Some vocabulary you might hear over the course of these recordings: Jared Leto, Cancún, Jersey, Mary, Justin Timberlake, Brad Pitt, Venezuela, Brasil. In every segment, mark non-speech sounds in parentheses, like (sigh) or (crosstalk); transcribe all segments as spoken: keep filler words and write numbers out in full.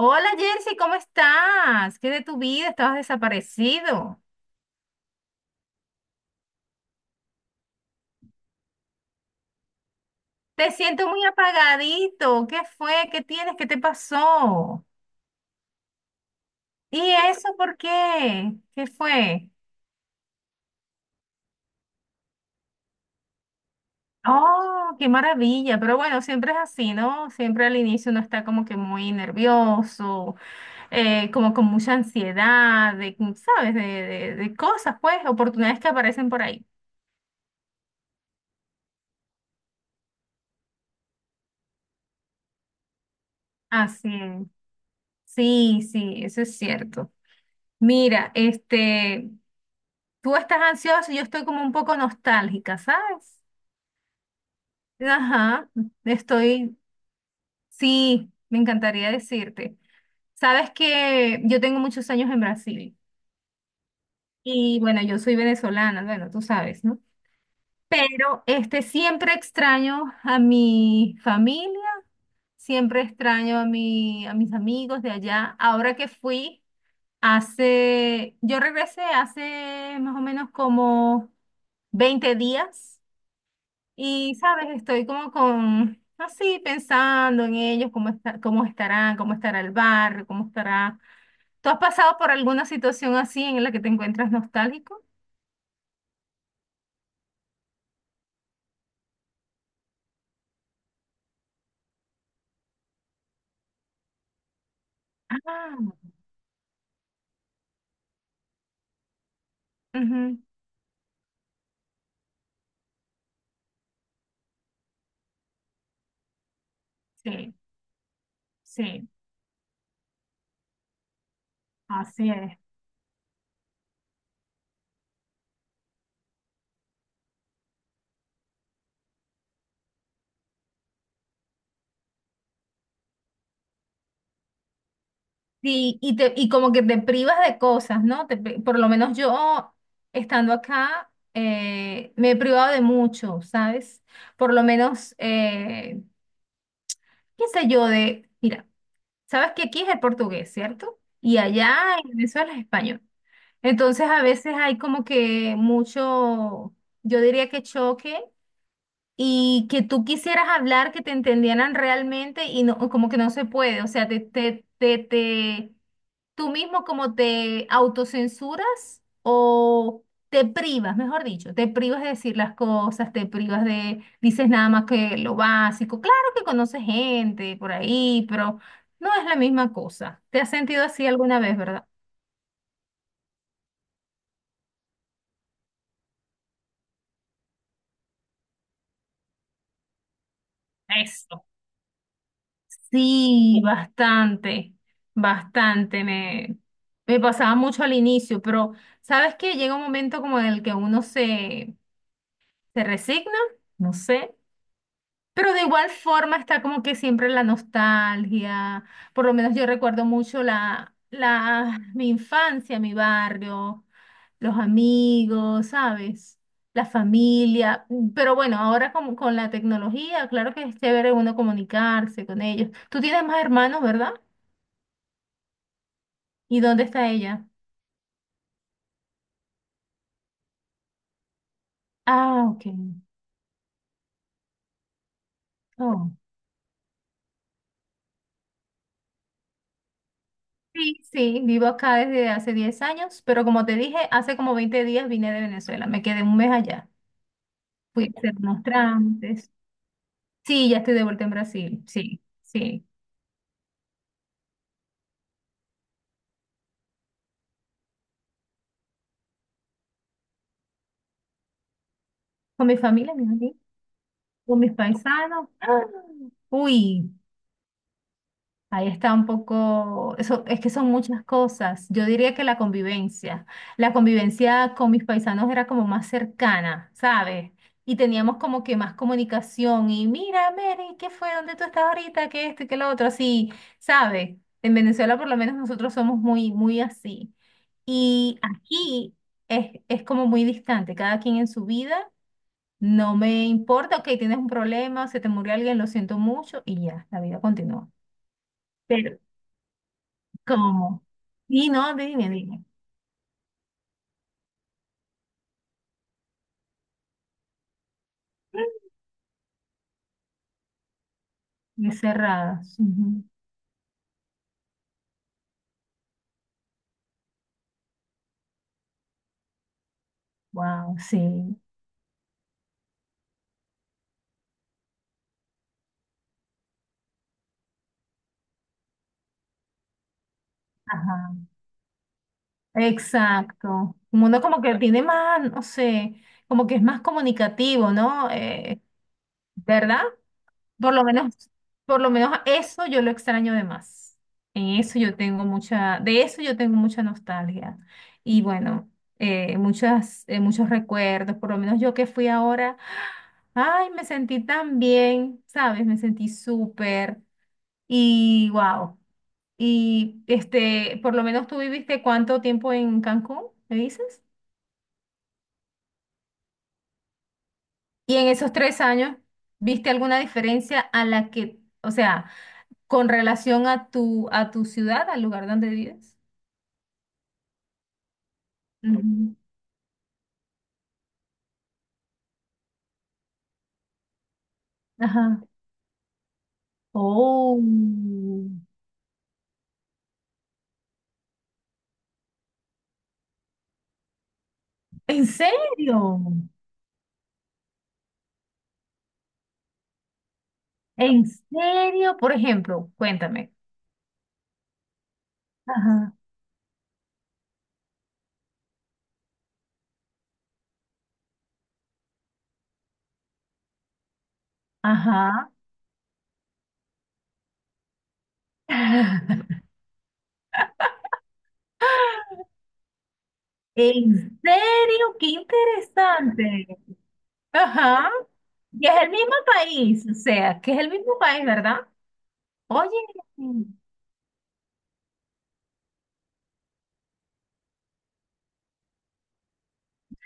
Hola Jersey, ¿cómo estás? ¿Qué de tu vida? Estabas desaparecido. Te siento muy apagadito. ¿Qué fue? ¿Qué tienes? ¿Qué te pasó? ¿Y eso por qué? ¿Qué fue? Oh, qué maravilla. Pero bueno, siempre es así, ¿no? Siempre al inicio uno está como que muy nervioso, eh, como con mucha ansiedad, de, ¿sabes? De, de de cosas, pues, oportunidades que aparecen por ahí. Así es. Sí, sí, eso es cierto. Mira, este. Tú estás ansiosa y yo estoy como un poco nostálgica, ¿sabes? Ajá, estoy, sí, me encantaría decirte. Sabes que yo tengo muchos años en Brasil y bueno, yo soy venezolana, bueno, tú sabes, ¿no? Pero este siempre extraño a mi familia, siempre extraño a mi, a mis amigos de allá. Ahora que fui hace, yo regresé hace más o menos como veinte días. Y, sabes, estoy como con, así, pensando en ellos, cómo está, cómo estarán, cómo estará el barrio, cómo estará. ¿Tú has pasado por alguna situación así en la que te encuentras nostálgico? Ah. Ujú. Sí, sí, así es. Sí, y, te, y como que te privas de cosas, ¿no? Te pri- por lo menos yo, estando acá, eh, me he privado de mucho, ¿sabes? Por lo menos, eh, qué sé yo, de, mira. Sabes que aquí es el portugués, ¿cierto? Y allá en Venezuela es español. Entonces a veces hay como que mucho, yo diría que choque y que tú quisieras hablar, que te entendieran realmente y no, como que no se puede, o sea, te, te, te, te- tú mismo como te autocensuras o te privas, mejor dicho, te privas de decir las cosas, te privas de, dices nada más que lo básico. Claro que conoces gente por ahí, pero no es la misma cosa. ¿Te has sentido así alguna vez, verdad? Eso. Sí, bastante, bastante. Me, me pasaba mucho al inicio, pero sabes que llega un momento como en el que uno se, se resigna, no sé, pero de igual forma está como que siempre la nostalgia. Por lo menos yo recuerdo mucho la, la, mi infancia, mi barrio, los amigos, ¿sabes? La familia. Pero bueno, ahora con, con la tecnología, claro que es chévere uno comunicarse con ellos. Tú tienes más hermanos, ¿verdad? ¿Y dónde está ella? Ah, ok. Oh. Sí, sí, vivo acá desde hace diez años, pero como te dije, hace como veinte días vine de Venezuela, me quedé un mes allá. Fui a hacer unos trámites. Sí, ya estoy de vuelta en Brasil, sí, sí. Con mi familia, mis amigos, con mis paisanos. ¡Ah! Uy. Ahí está un poco, eso, es que son muchas cosas. Yo diría que la convivencia, la convivencia con mis paisanos era como más cercana, ¿sabes? Y teníamos como que más comunicación y mira, Mary, ¿qué fue? ¿Dónde tú estás ahorita? ¿Qué este, qué lo otro? Así, ¿sabes? En Venezuela por lo menos nosotros somos muy, muy así. Y aquí es, es como muy distante, cada quien en su vida. No me importa, ok, tienes un problema, se te murió alguien, lo siento mucho y ya, la vida continúa. Pero ¿cómo? Y no, dime, dime. Y cerradas. Wow, sí. Ajá. Exacto. Un mundo como que tiene más, no sé, como que es más comunicativo, ¿no? Eh, ¿verdad? Por lo menos, por lo menos eso yo lo extraño de más. En eso yo tengo mucha, De eso yo tengo mucha nostalgia. Y bueno, eh, muchas, eh, muchos recuerdos, por lo menos yo que fui ahora, ay, me sentí tan bien, ¿sabes? Me sentí súper y wow. Y este, por lo menos tú viviste cuánto tiempo en Cancún, ¿me dices? Y en esos tres años, ¿viste alguna diferencia a la que, o sea, con relación a tu, a tu ciudad, al lugar donde vives. Ujú. Ajá. Oh, ¿en serio? ¿En serio? Por ejemplo, cuéntame. Ajá. Ajá. (laughs) ¿En serio? ¡Qué interesante! Ajá. Y es el mismo país, o sea, que es el mismo país, ¿verdad? Oye,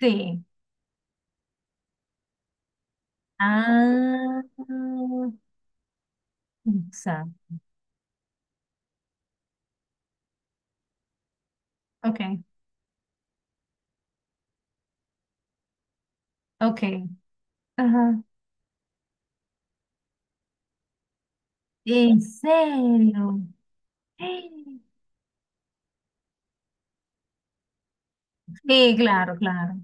sí. Ah, o sea, ok, ok. Ajá. ¿En serio? (gasps) Sí, claro, claro.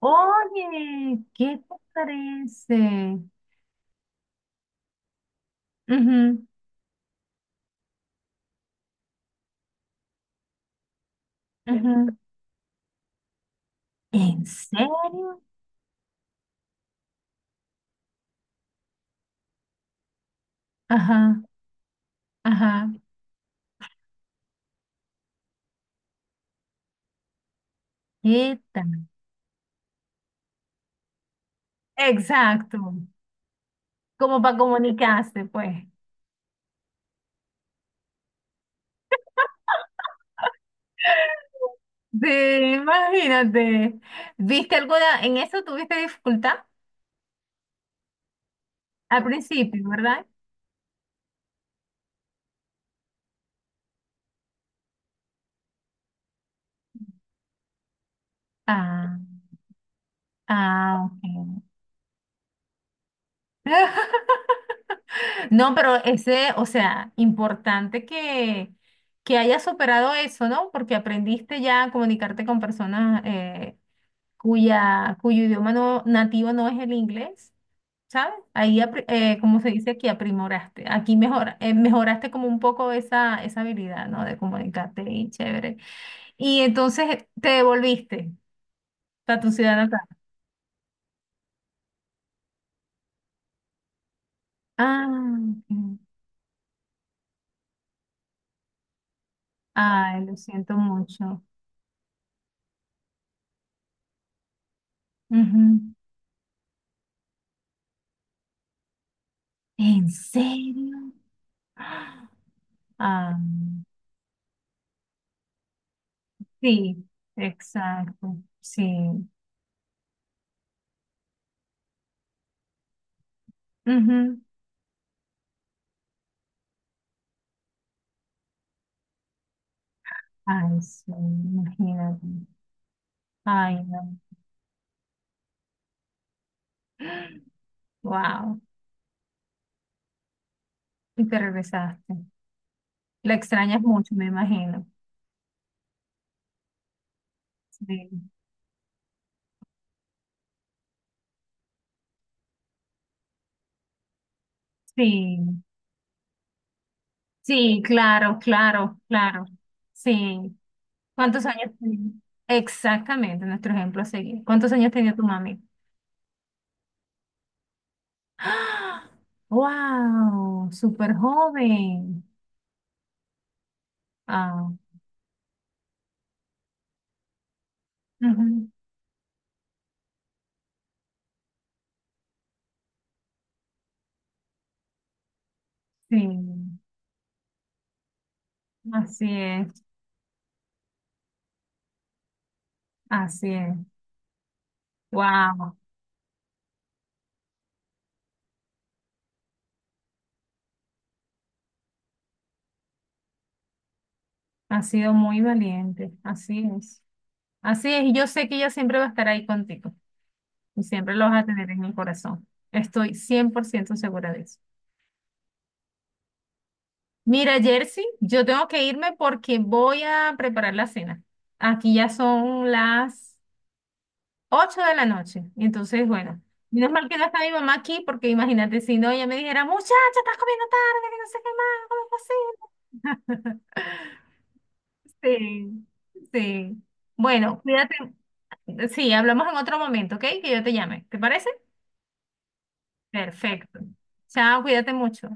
Oye, ¿qué te parece? Ujú, ujú. ¿En serio? Ajá, ajá. ¿Qué tal? Exacto. Como para comunicarse, pues. Sí, imagínate. ¿Viste alguna, en eso tuviste dificultad al principio, ¿verdad? Ah, ah, ok. (laughs) No, pero ese, o sea, importante que, que hayas superado eso, ¿no? Porque aprendiste ya a comunicarte con personas eh, cuya, cuyo idioma no, nativo no es el inglés, ¿sabes? Ahí, apri- eh, como se dice aquí, aprimoraste. Aquí mejor, eh, mejoraste como un poco esa, esa habilidad, ¿no? De comunicarte y chévere. Y entonces te devolviste a tu ciudad natal. Ah, ok. Ay, lo siento mucho. Ujú. ¿En serio? (gasps) Ah, sí, exacto, sí. Ujú. Ay, sí, imagínate. Ay, no. Wow. Y te regresaste. La extrañas mucho, me imagino. Sí, sí, sí, claro, claro, claro. Sí. ¿Cuántos años tenía? Exactamente, nuestro ejemplo a seguir. ¿Cuántos años tenía tu mami? ¡Ah! ¡Wow! Súper joven. Ah. Ujú. Sí, así es. Así es. Wow, ha sido muy valiente. Así es. Así es. Y yo sé que ella siempre va a estar ahí contigo y siempre lo vas a tener en el corazón. Estoy cien por ciento segura de eso. Mira, Jersey, yo tengo que irme porque voy a preparar la cena. Aquí ya son las ocho de la noche, entonces, bueno, menos mal que no está mi mamá aquí porque imagínate si no, ella me dijera, muchacha, estás comiendo tarde, que no sé qué más, ¿cómo es posible? Sí, sí. Bueno, cuídate. Sí, hablamos en otro momento, ¿ok? Que yo te llame. ¿Te parece? Perfecto. Chao, cuídate mucho.